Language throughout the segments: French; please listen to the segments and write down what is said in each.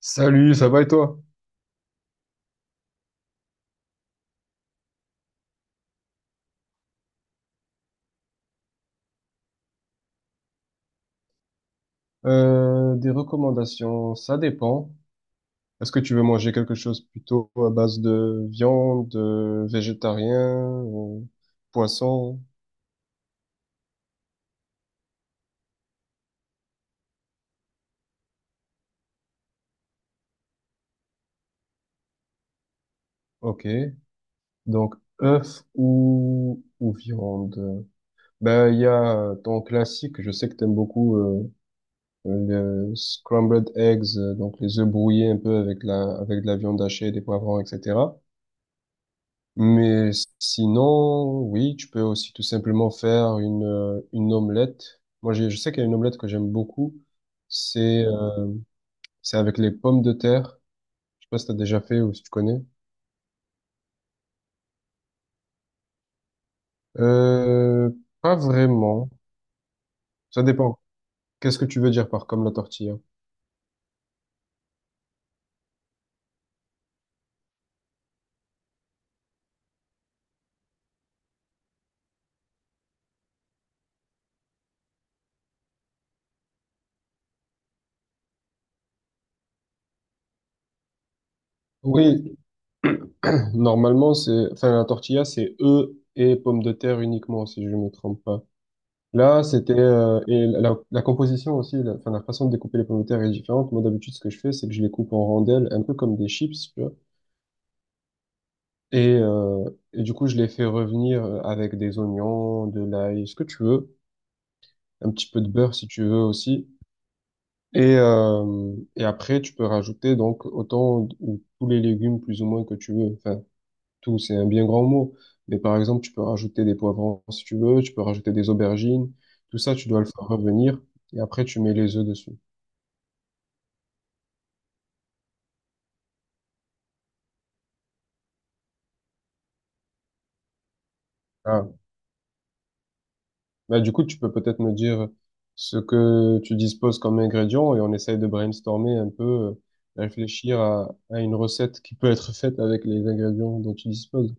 Salut, ça va et toi? Des recommandations, ça dépend. Est-ce que tu veux manger quelque chose plutôt à base de viande, végétarien, ou poisson? Ok. Donc, œuf ou viande? Ben, il y a ton classique, je sais que t'aimes beaucoup le scrambled eggs, donc les œufs brouillés un peu avec avec de la viande hachée, des poivrons, etc. Mais sinon, oui, tu peux aussi tout simplement faire une omelette. Moi, je sais qu'il y a une omelette que j'aime beaucoup. C'est euh, c'est avec les pommes de terre. Je sais pas si t'as déjà fait ou si tu connais. Euh, Pas vraiment. Ça dépend. Qu'est-ce que tu veux dire par comme la tortilla? Oui, normalement, enfin, la tortilla, c'est œufs et pommes de terre uniquement, si je ne me trompe pas. Là, c'était et la composition aussi, enfin, la façon de découper les pommes de terre est différente. Moi, d'habitude, ce que je fais, c'est que je les coupe en rondelles, un peu comme des chips, tu vois. Et, euh, et du coup, je les fais revenir avec des oignons, de l'ail, ce que tu veux, un petit peu de beurre si tu veux aussi. Et après, tu peux rajouter donc autant d- ou tous les légumes plus ou moins que tu veux. Enfin, tout, c'est un bien grand mot. Mais par exemple, tu peux rajouter des poivrons si tu veux, tu peux rajouter des aubergines. Tout ça, tu dois le faire revenir. Et après, tu mets les œufs dessus. Ah. Bah, du coup, tu peux peut-être me dire ce que tu disposes comme ingrédients et on essaye de brainstormer un peu, réfléchir à une recette qui peut être faite avec les ingrédients dont tu disposes.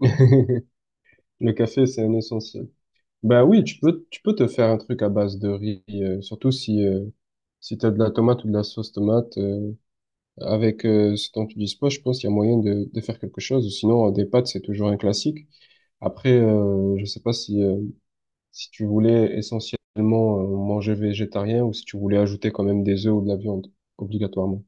Le café, c'est un essentiel. Bah oui, tu peux te faire un truc à base de riz, surtout si, si tu as de la tomate ou de la sauce tomate. Avec ce dont tu disposes, je pense qu'il y a moyen de faire quelque chose. Ou sinon, des pâtes, c'est toujours un classique. Après, je sais pas si tu voulais essentiellement manger végétarien ou si tu voulais ajouter quand même des œufs ou de la viande, obligatoirement.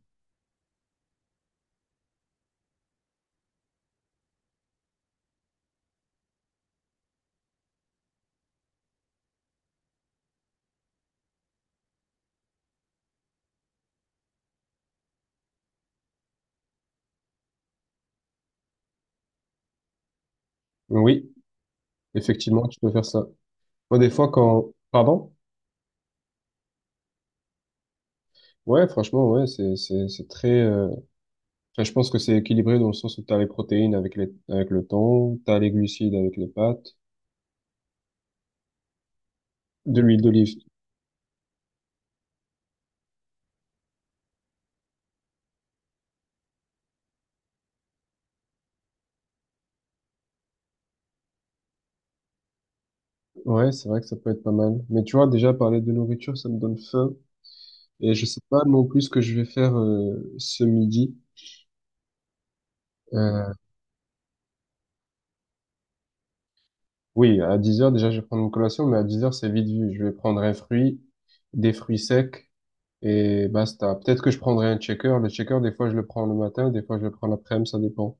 Oui, effectivement, tu peux faire ça. Moi, des fois, quand... Pardon? Ouais, franchement, ouais, c'est enfin, je pense que c'est équilibré dans le sens où tu as les protéines avec avec le thon, tu as les glucides avec les pâtes, de l'huile d'olive. Ouais, c'est vrai que ça peut être pas mal. Mais tu vois, déjà, parler de nourriture, ça me donne faim. Et je sais pas non plus ce que je vais faire ce midi. Euh, Oui, à 10 heures déjà, je vais prendre une collation, mais à 10 heures c'est vite vu. Je vais prendre un fruit, des fruits secs, et basta. Peut-être que je prendrai un checker. Le checker des fois, je le prends le matin, des fois, je le prends l'après-midi, ça dépend.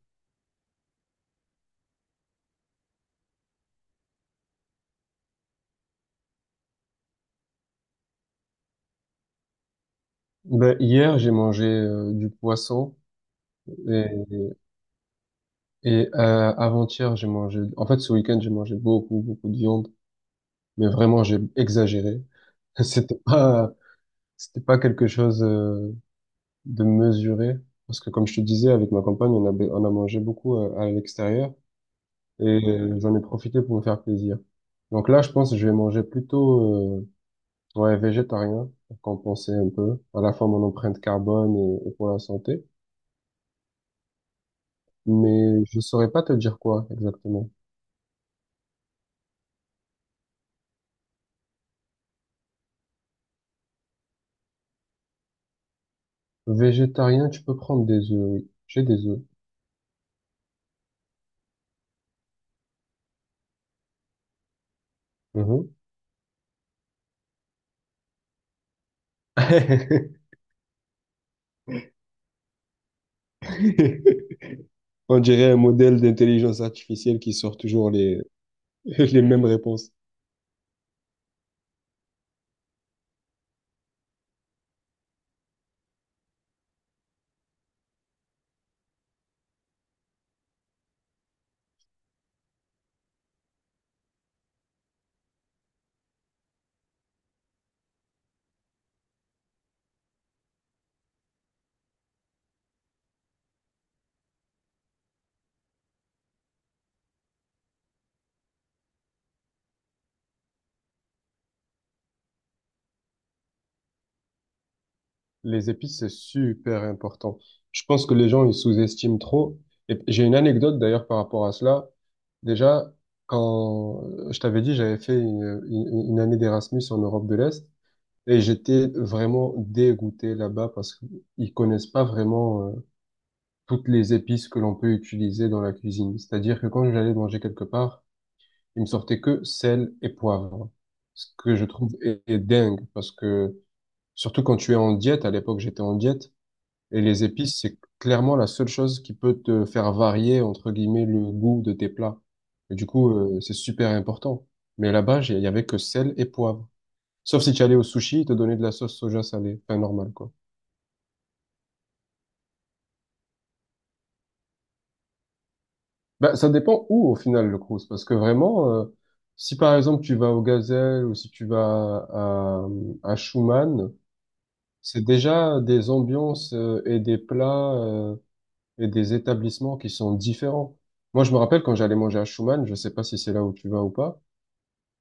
Ben, hier, j'ai mangé du poisson, et, et avant-hier, j'ai mangé... En fait, ce week-end, j'ai mangé beaucoup, beaucoup de viande, mais vraiment, j'ai exagéré. C'était pas, c'était pas quelque chose de mesuré, parce que, comme je te disais, avec ma compagne, on a mangé beaucoup à l'extérieur. Et j'en ai profité pour me faire plaisir. Donc là, je pense que je vais manger plutôt ouais, végétarien pour compenser un peu, à la fois mon empreinte carbone et pour la santé. Mais je saurais pas te dire quoi exactement. Végétarien, tu peux prendre des œufs, oui. J'ai des œufs. Mhm. On dirait un modèle d'intelligence artificielle qui sort toujours les mêmes réponses. Les épices, c'est super important. Je pense que les gens, ils sous-estiment trop. Et j'ai une anecdote d'ailleurs par rapport à cela. Déjà, quand je t'avais dit, j'avais fait une année d'Erasmus en Europe de l'Est et j'étais vraiment dégoûté là-bas parce qu'ils connaissent pas vraiment toutes les épices que l'on peut utiliser dans la cuisine. C'est-à-dire que quand j'allais manger quelque part, ils me sortaient que sel et poivre. Ce que je trouve est dingue parce que surtout quand tu es en diète, à l'époque j'étais en diète, et les épices, c'est clairement la seule chose qui peut te faire varier, entre guillemets, le goût de tes plats. Et du coup, c'est super important. Mais là-bas, il y avait que sel et poivre. Sauf si tu allais au sushi, ils te donnaient de la sauce soja salée. Enfin, normal, quoi. Ben ça dépend où, au final, le cruise. Parce que vraiment, si par exemple, tu vas au Gazelle ou si tu vas à Schumann, c'est déjà des ambiances et des plats et des établissements qui sont différents. Moi, je me rappelle quand j'allais manger à Schumann, je sais pas si c'est là où tu vas ou pas,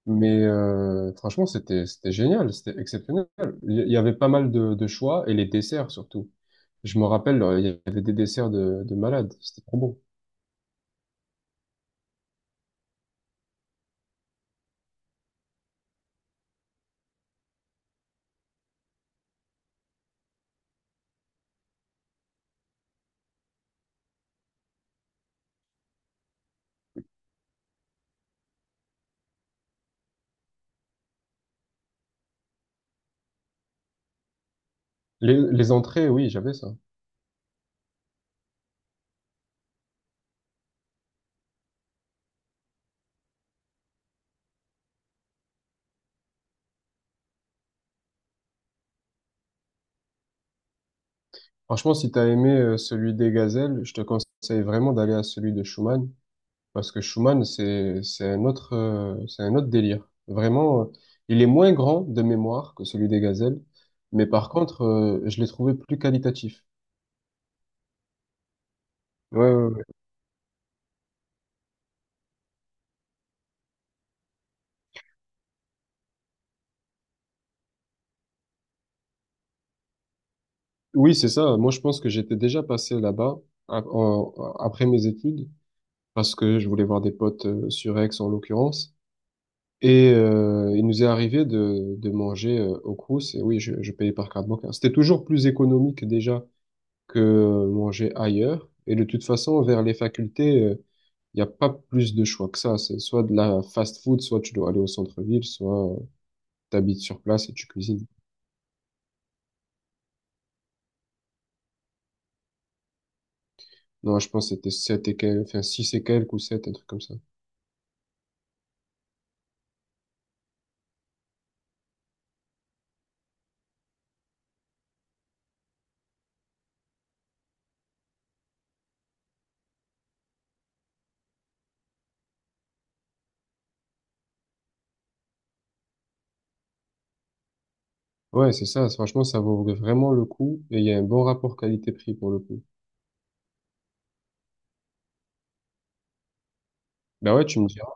mais franchement, c'était génial, c'était exceptionnel. Il y avait pas mal de choix et les desserts surtout. Je me rappelle, il y avait des desserts de malades, c'était trop bon. Les entrées, oui, j'avais ça. Franchement, si t'as aimé celui des gazelles, je te conseille vraiment d'aller à celui de Schumann. Parce que Schumann, c'est un autre délire. Vraiment, il est moins grand de mémoire que celui des gazelles, mais par contre, je l'ai trouvé plus qualitatif. Ouais, ouais, ouais. Oui, c'est ça. Moi, je pense que j'étais déjà passé là-bas a- en- après mes études, parce que je voulais voir des potes sur Aix en l'occurrence. Et il nous est arrivé de manger au Crous, et oui, je payais par carte bancaire. C'était toujours plus économique déjà que manger ailleurs. Et de toute façon, vers les facultés. Il n'y a pas plus de choix que ça. C'est soit de la fast food, soit tu dois aller au centre-ville, soit t'habites sur place et tu cuisines. Non, je pense que c'était 7 et quelques, enfin 6 et quelques ou 7 un truc comme ça. Ouais, c'est ça. Franchement, ça vaut vraiment le coup et il y a un bon rapport qualité-prix pour le coup. Bah ouais, tu me diras.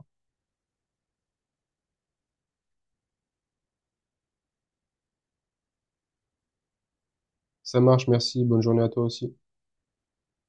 Ça marche, merci. Bonne journée à toi aussi.